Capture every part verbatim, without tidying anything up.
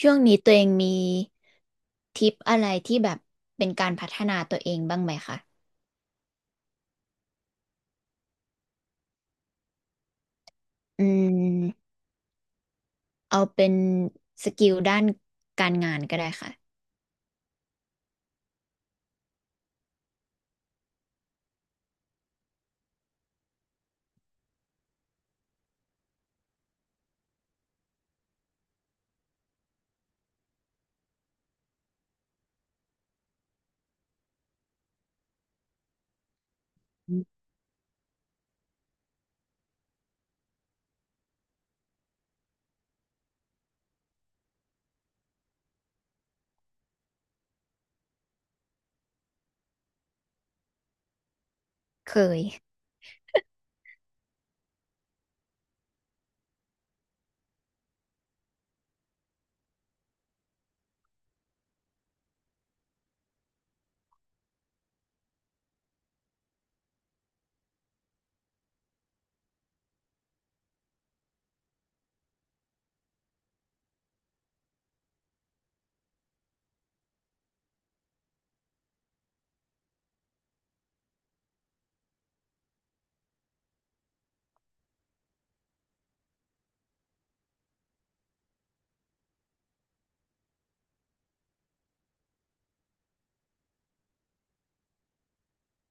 ช่วงนี้ตัวเองมีทิปอะไรที่แบบเป็นการพัฒนาตัวเองบ้างไหมคะอืมเอาเป็นสกิลด้านการงานก็ได้ค่ะเคย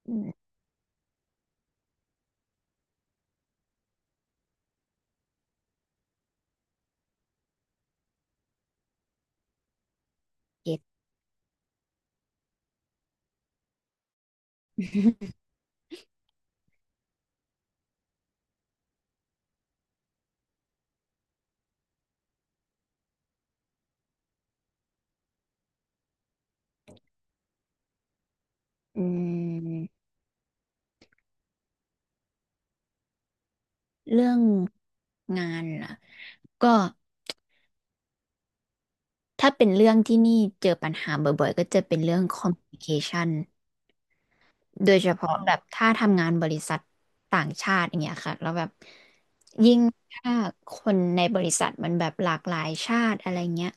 อืม เก็ต อืมเรื่องงานล่ะก็ถ้าเป็นเรื่องที่นี่เจอปัญหาบ่อยๆก็จะเป็นเรื่อง ซี โอ เอ็ม เอ็ม ยู เอ็น ไอ ซี เอ ที ไอ โอ เอ็น โดยเฉพาะแบบถ้าทำงานบริษัทต่างชาติอย่างเงี้ยค่ะแล้วแบบยิ่งถ้าคนในบริษัทมันแบบหลากหลายชาติอะไรเงี้ย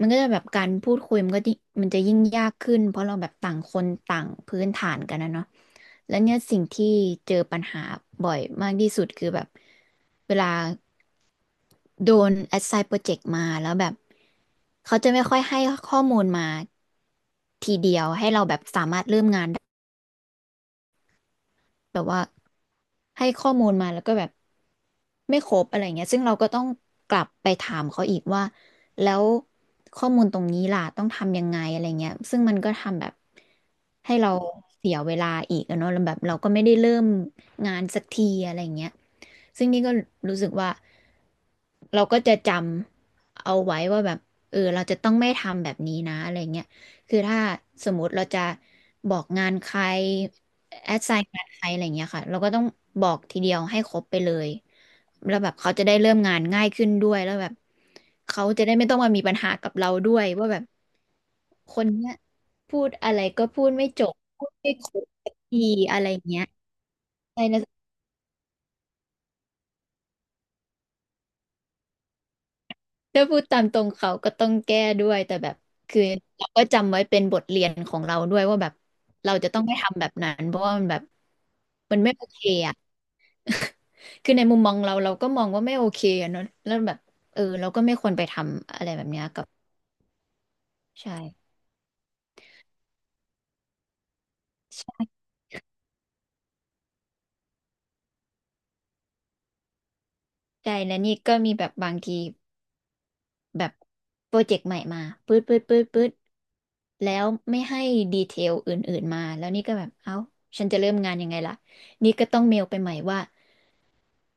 มันก็จะแบบการพูดคุยมันก็ยิ่งมันจะยิ่งยากขึ้นเพราะเราแบบต่างคนต่างพื้นฐานกันนะเนาะแล้วเนี่ยสิ่งที่เจอปัญหาบ่อยมากที่สุดคือแบบเวลาโดน assign project มาแล้วแบบเขาจะไม่ค่อยให้ข้อมูลมาทีเดียว แบบว่าให้ข้อมูลมาแล้วก็แบบไม่ครบอะไรเงี้ยซึ่งเราก็ต้องกลับไปถามเขาอีกว่าแล้วข้อมูลตรงนี้ล่ะต้องทำยังไงอะไรเงี้ยซึ่งมันก็ทำแบบให้เราเสียเวลาอีกอะเนาะแล้วแบบเราก็ไม่ได้เริ่มงานสักทีอะไรเงี้ยซึ่งนี่ก็รู้สึกว่าเราก็จะจำเอาไว้ว่าแบบเออเราจะต้องไม่ทำแบบนี้นะอะไรเงี้ย คือถ้าสมมติเราจะบอกงานใครแอดไซน์งานใครอะไรอย่างเงี้ยค่ะเราก็ต้องบอกทีเดียวให้ครบไปเลยแล้วแบบเขาจะได้เริ่มงานง่ายขึ้นด้วยแล้วแบบเขาจะได้ไม่ต้องมามีปัญหากับเราด้วยว่าแบบคนเนี้ยพูดอะไรก็พูดไม่จบพูดไม่ครบสักทีอะไรอย่างเงี้ยใช่นะถ้าพูดตามตรงเขาก็ต้องแก้ด้วยแต่แบบคือเราก็จำไว้เป็นบทเรียนของเราด้วยว่าแบบเราจะต้องไม่ทำแบบนั้นเพราะว่ามันแบบมันไม่โอเคอะ คือในมุมมองเราเราก็มองว่าไม่โอเคอะเนอะแล้วแบบเออเราก็ไม่ควรไปทำอะไรแบบเนี้ยกับใช่ใช่และนี่ก็มีแบบบางทีแบบโปรเจกต์ใหม่มาปื๊ดปื๊ดปื๊ดปื๊ดแล้วไม่ให้ดีเทลอื่นๆมาแล้วนี่ก็แบบเอ้าฉันจะเริ่มงานยังไงล่ะนี่ก็ต้องเมลไปใหม่ว่า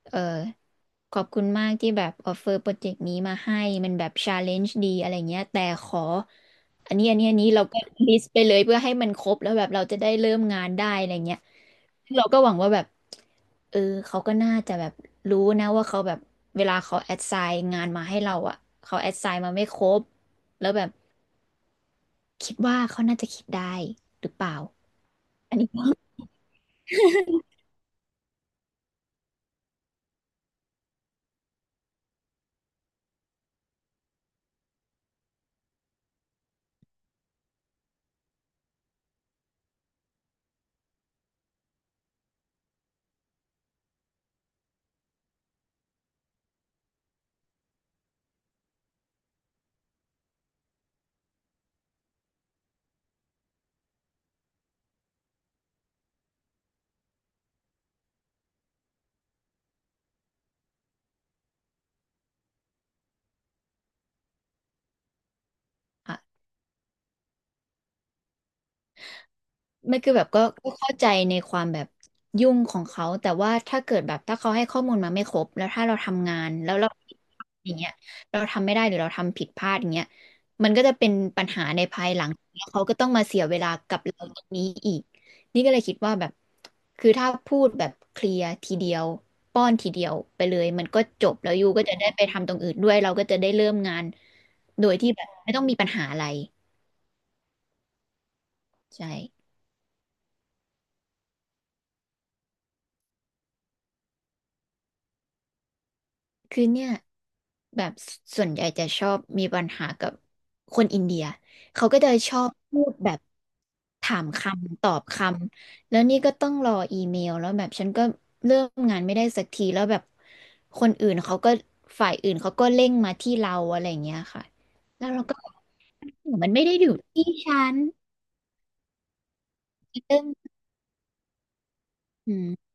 เออ ขอบคุณมากที่แบบออฟเฟอร์โปรเจกต์นี้มาให้มันแบบชาเลนจ์ดีอะไรเงี้ยแต่ขออันนี้อันนี้อันนี้เราก็ลิสต์ไปเลยเพื่อให้มันครบแล้วแบบเราจะได้เริ่มงานได้อะไรเงี้ยซึ่งเราก็หวังว่าแบบเออเขาก็น่าจะแบบรู้นะว่าเขาแบบเวลาเขาแอดไซน์งานมาให้เราอ่ะเขาแอดไซน์มาไม่ครบแล้วแบบคิดว่าเขาน่าจะคิดได้หรือเปล่าอันนี้ก็อ่ะ ไม่คือแบบก็ก็เข้าใจในความแบบยุ่งของเขาแต่ว่าถ้าเกิดแบบถ้าเขาให้ข้อมูลมาไม่ครบแล้วถ้าเราทำงานแล้วเราอย่างเงี้ยเราทำไม่ได้หรือเราทำผิดพลาดอย่างเงี้ยมันก็จะเป็นปัญหาในภายหลังแล้วเขาก็ต้องมาเสียเวลากับเราตรงนี้อีกนี่ก็เลยคิดว่าแบบคือถ้าพูดแบบเคลียร์ทีเดียวป้อนทีเดียวไปเลยมันก็จบแล้วยูก็จะได้ไปทำตรงอื่นด้วยเราก็จะได้เริ่มงานโดยที่แบบไม่ต้องมีปัญหาอะไรใช่ คือเนี่ยแบบส่วนใหญ่จะชอบมีปัญหากับคนอินเดีย เขาก็จะชอบพูดแบบถามคำตอบคำแล้วนี่ก็ต้องรออีเมลแล้วแบบฉันก็เริ่มงานไม่ได้สักทีแล้วแบบคนอื่นเขาก็ฝ่ายอื่นเขาก็เร่งมาที่เราอะไรอย่างเงี้ยค่ะแล้วเราก็มันไม่ได้อยู่ที่ฉันเริ่มอืม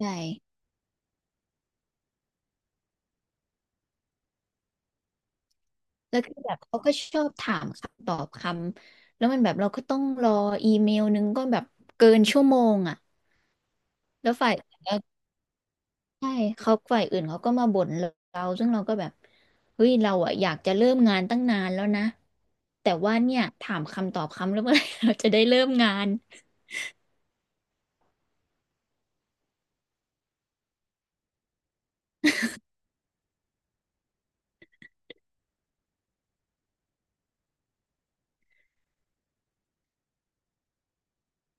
ใช่ แล้วคือแบบเขาก็ชอบถามคำตอบคำแล้วมันแบบเราก็ต้องรออีเมลนึงก็แบบเกินชั่วโมงอ่ะแล้วฝ่ายแล้วใช่เขาฝ่ายอื่นเขาก็มาบ่นเราซึ่งเราก็แบบเฮ้ยเราอ่ะอยากจะเริ่มงานตั้งนานแล้วนะแต่ว่าเนี่ยถามคำตอบคำแล้วเมื่อไหร่เราจะได้เริ่มงาน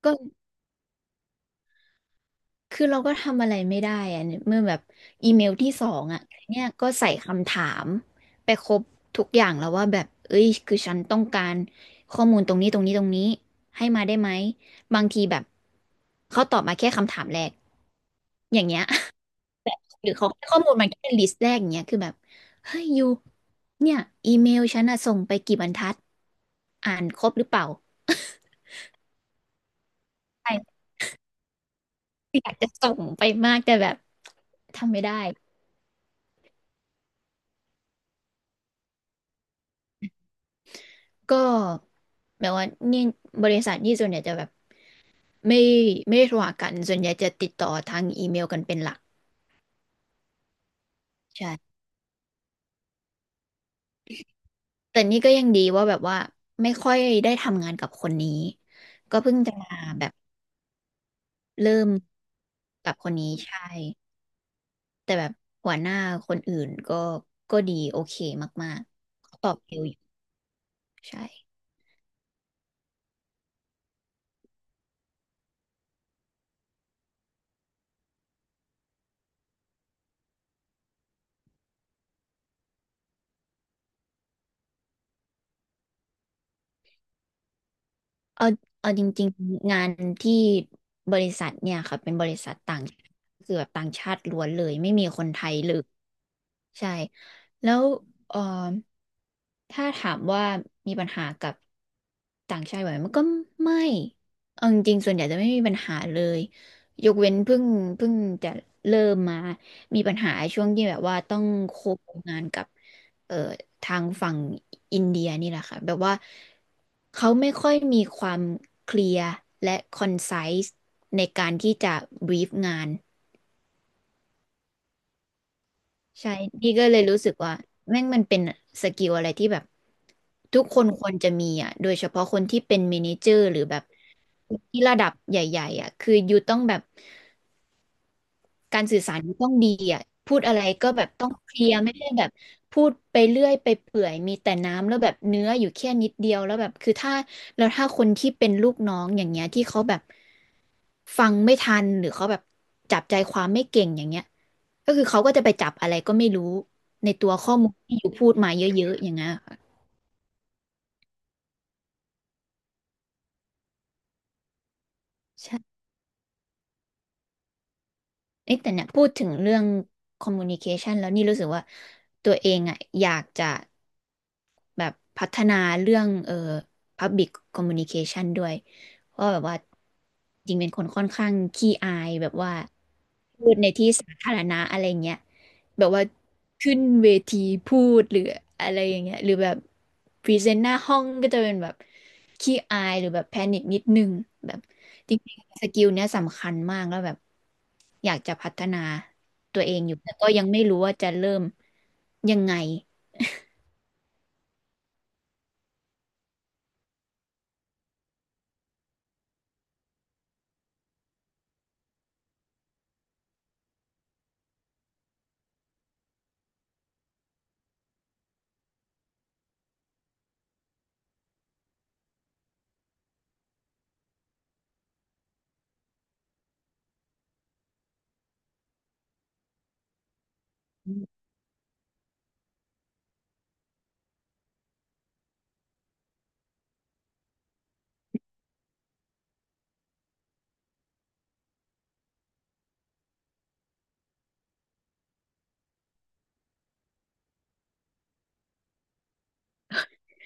ก็ คือเราก็ทำอะไรไม่ได้อะเนี่ยเมื่อแบบอีเมลที่สองอ่ะเนี่ยก็ใส่คำถามไปครบทุกอย่างแล้วว่าแบบเอ้ยคือฉันต้องการข้อมูลตรงนี้ตรงนี้ตรงนี้ให้มาได้ไหมบางทีแบบเขาตอบมาแค่คำถามแรกอย่างเงี้ย หรือเขาให้ข้อมูลมาแค่ลิสต์แรกอย่างเงี้ยคือแบบเฮ้ยยูเนี่ยอีเมลฉันอะส่งไปกี่บรรทัดอ่านครบหรือเปล่า ใช่ อยากจะส่งไปมากแต่แบบทำไม่ได้ ก็แบบว่านี่บริษัทนี่ส่วนใหญ่จะแบบไม่ไม่ได้โทรหากันส่วนใหญ่จะติดต่อทางอีเมลกันเป็นหลักใช่แต่นี่ก็ยังดีว่าแบบว่าไม่ค่อยได้ทำงานกับคนนี้ก็เพิ่งจะมาแบบเริ่มกับคนนี้ใช่แต่แบบหัวหน้าคนอื่นก็ก็ดีโอเคมากๆเขาตอบเร็วอยู่ใช่ เอาเอาจริงๆงานที่บริษัทเนี่ยค่ะเป็นบริษัทต่างคือแบบต่างชาติล้วนเลยไม่มีคนไทยเลยใช่แล้วเออถ้าถามว่ามีปัญหากับต่างชาติไหมมันก็ไม่เอาจริงๆส่วนใหญ่จะไม่มีปัญหาเลยยกเว้นเพิ่งเพิ่งจะเริ่มมามีปัญหาช่วงที่แบบว่าต้องโคงงานกับ เอ่อทางฝั่งอินเดียนี่แหละค่ะแบบว่าเขาไม่ค่อยมีความเคลียร์และคอนไซส์ในการที่จะบรีฟงานใช่นี่ก็เลยรู้สึกว่าแม่งมันเป็นสกิลอะไรที่แบบทุกคนควรจะมีอ่ะโดยเฉพาะคนที่เป็นเมเนเจอร์หรือแบบที่ระดับใหญ่ๆอ่ะคืออยู่ต้องแบบ การสื่อสารมันต้องดีอ่ะพูดอะไรก็แบบต้องเคลียร์ไม่ได้แบบพูดไปเรื่อยไปเปื่อยมีแต่น้ำแล้วแบบเนื้ออยู่แค่นิดเดียวแล้วแบบคือถ้าแล้วถ้าคนที่เป็นลูกน้องอย่างเงี้ยที่เขาแบบฟังไม่ทันหรือเขาแบบจับใจความไม่เก่งอย่างเงี้ยก็คือเขาก็จะไปจับอะไรก็ไม่รู้ในตัวข้อมูลที่อยู่พูดมาเยอะๆอย่างเงี้ยค่ะใช่เอ๊ะแต่เนี่ยพูดถึงเรื่อง communication แล้วนี่รู้สึกว่าตัวเองอ่ะอยากจะ แบบพัฒนาเรื่องเอ่อ Public Communication ด้วยเพราะแบบว่าจริงเป็นคนค่อนข้างขี้อายแบบว่าพูดในที่สาธารณะอะไรเงี้ยแบบว่าขึ้นเวทีพูดหรืออะไรอย่างเงี้ยหรือแบบพรีเซนต์หน้าห้องก็จะเป็นแบบขี้อายหรือแบบแพนิคนิดนึงแบบจริงๆสกิลเนี้ยสำคัญมากแล้วแบบอยากจะพัฒนาตัวเองอยู่แต่ก็ยังไม่รู้ว่าจะเริ่มยังไง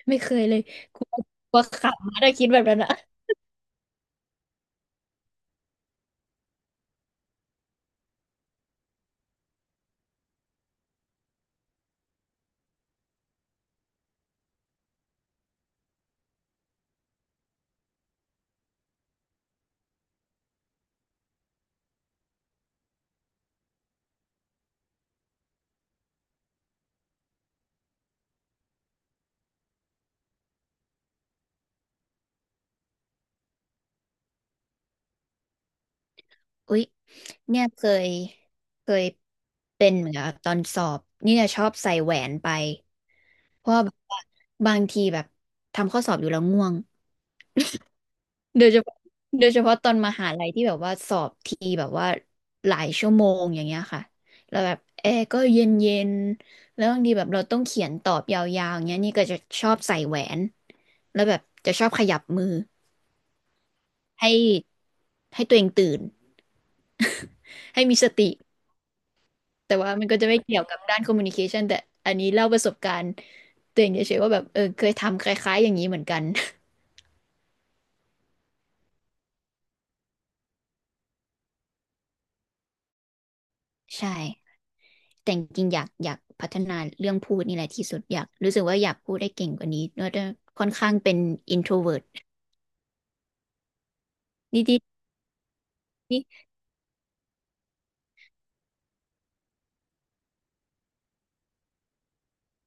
ไม่เคยเลยกลัวกลัวขำนะถ้าคิดแบบนั้นอะอุ๊ยเนี่ยเคยเคยเป็นเหมือนกับตอนสอบนี่เนี่ยชอบใส่แหวนไปเพราะว่าแบบว่าบางทีแบบทำข้อสอบอยู่แล้วง่วงโดยเฉพาะโดยเฉพาะตอนมหาลัยที่แบบว่าสอบทีแบบว่าหลายชั่วโมงอย่างเงี้ยค่ะแล้วแบบแอร์ก็เย็นเย็นแล้วบางทีแบบเราต้องเขียนตอบยาวๆอย่างเงี้ยนี่ก็จะชอบใส่แหวนแล้วแบบจะชอบขยับมือให้ให้ตัวเองตื่น ให้มีสติแต่ว่ามันก็จะไม่เกี่ยวกับด้านคอมมูนิเคชันแต่อันนี้เล่าประสบการณ์ตัวเองเฉยๆว่าแบบเออเคยทำคล้ายๆอย่างนี้เหมือนกัน ใช่แต่จริงๆอยากอยากพัฒนาเรื่องพูดนี่แหละที่สุดอยากรู้สึกว่าอยากพูดได้เก่งกว่านี้เพราะว่าค่อนข้างเป็น introvert นิดๆนี่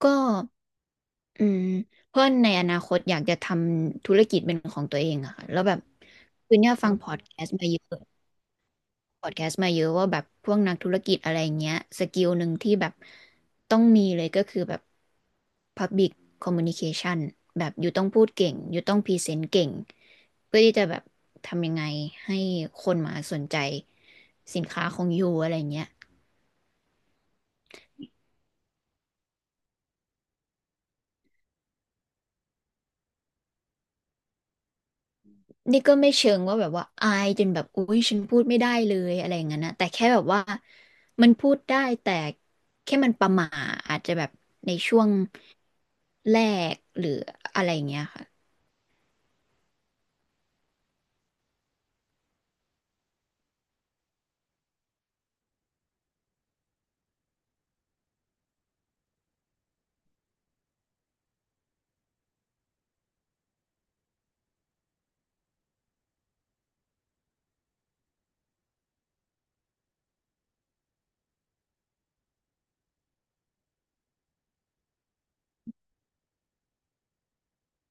ก็อืมเพร่ะนในอนาคตอยากจะทำธุรกิจเป็นของตัวเองอะค่ะแล้วแบบคือเนี่ยฟังพอดแคสต์มาเยอะ พอดแคสต์มาเยอะว่าแบบพวกนักธุรกิจอะไรเงี้ยสกิลหนึ่งที่แบบต้องมีเลยก็คือแบบ Public Communication แบบอยู่ต้องพูดเก่งอยู่ต้องพรีเซนต์เก่งเพื่อที่จะแบบทำยังไงให้คนมาสนใจสินค้าของยูอะไรเงี้ยนี่ก็ไม่เชิงว่าแบบว่าอายจนแบบอุ้ยฉันพูดไม่ได้เลยอะไรอย่างนั้นนะแต่แค่แบบว่ามันพูดได้แต่แค่มันประหม่าอาจจะแบบในช่วงแรกหรืออะไรเงี้ยค่ะ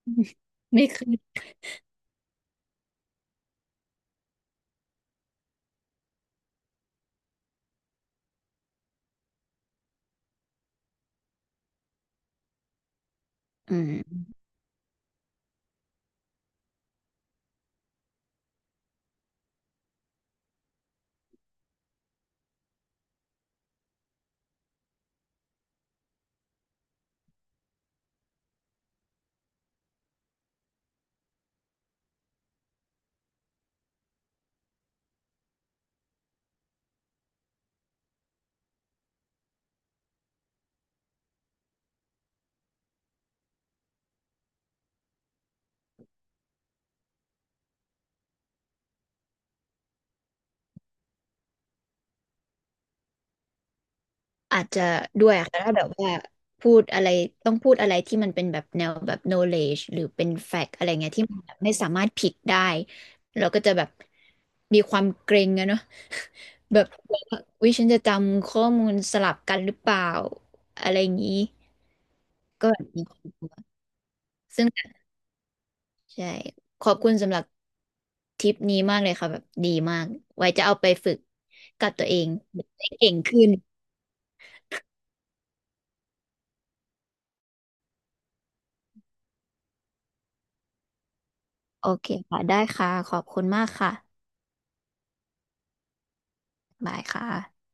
ไม่เค อืมอาจจะด้วยอะค่ะถ้าแบบว่าพูดอะไรต้องพูดอะไรที่มันเป็นแบบแนวแบบ knowledge หรือเป็น fact อะไรเงี้ยที่มันแบบไม่สามารถผิดได้เราก็จะแบบมีความเกรงอะเนาะแบบวิฉันจะจำข้อมูลสลับกันหรือเปล่าอะไรอย่างนี้ก็แบบมีความกลัวซึ่งใช่ขอบคุณสำหรับทริปนี้มากเลยค่ะแบบดีมากไว้จะเอาไปฝึกกับตัวเองได้เก่งขึ้นโอเคค่ะได้ค่ะขอบคุณมากค่ะบายค่ะ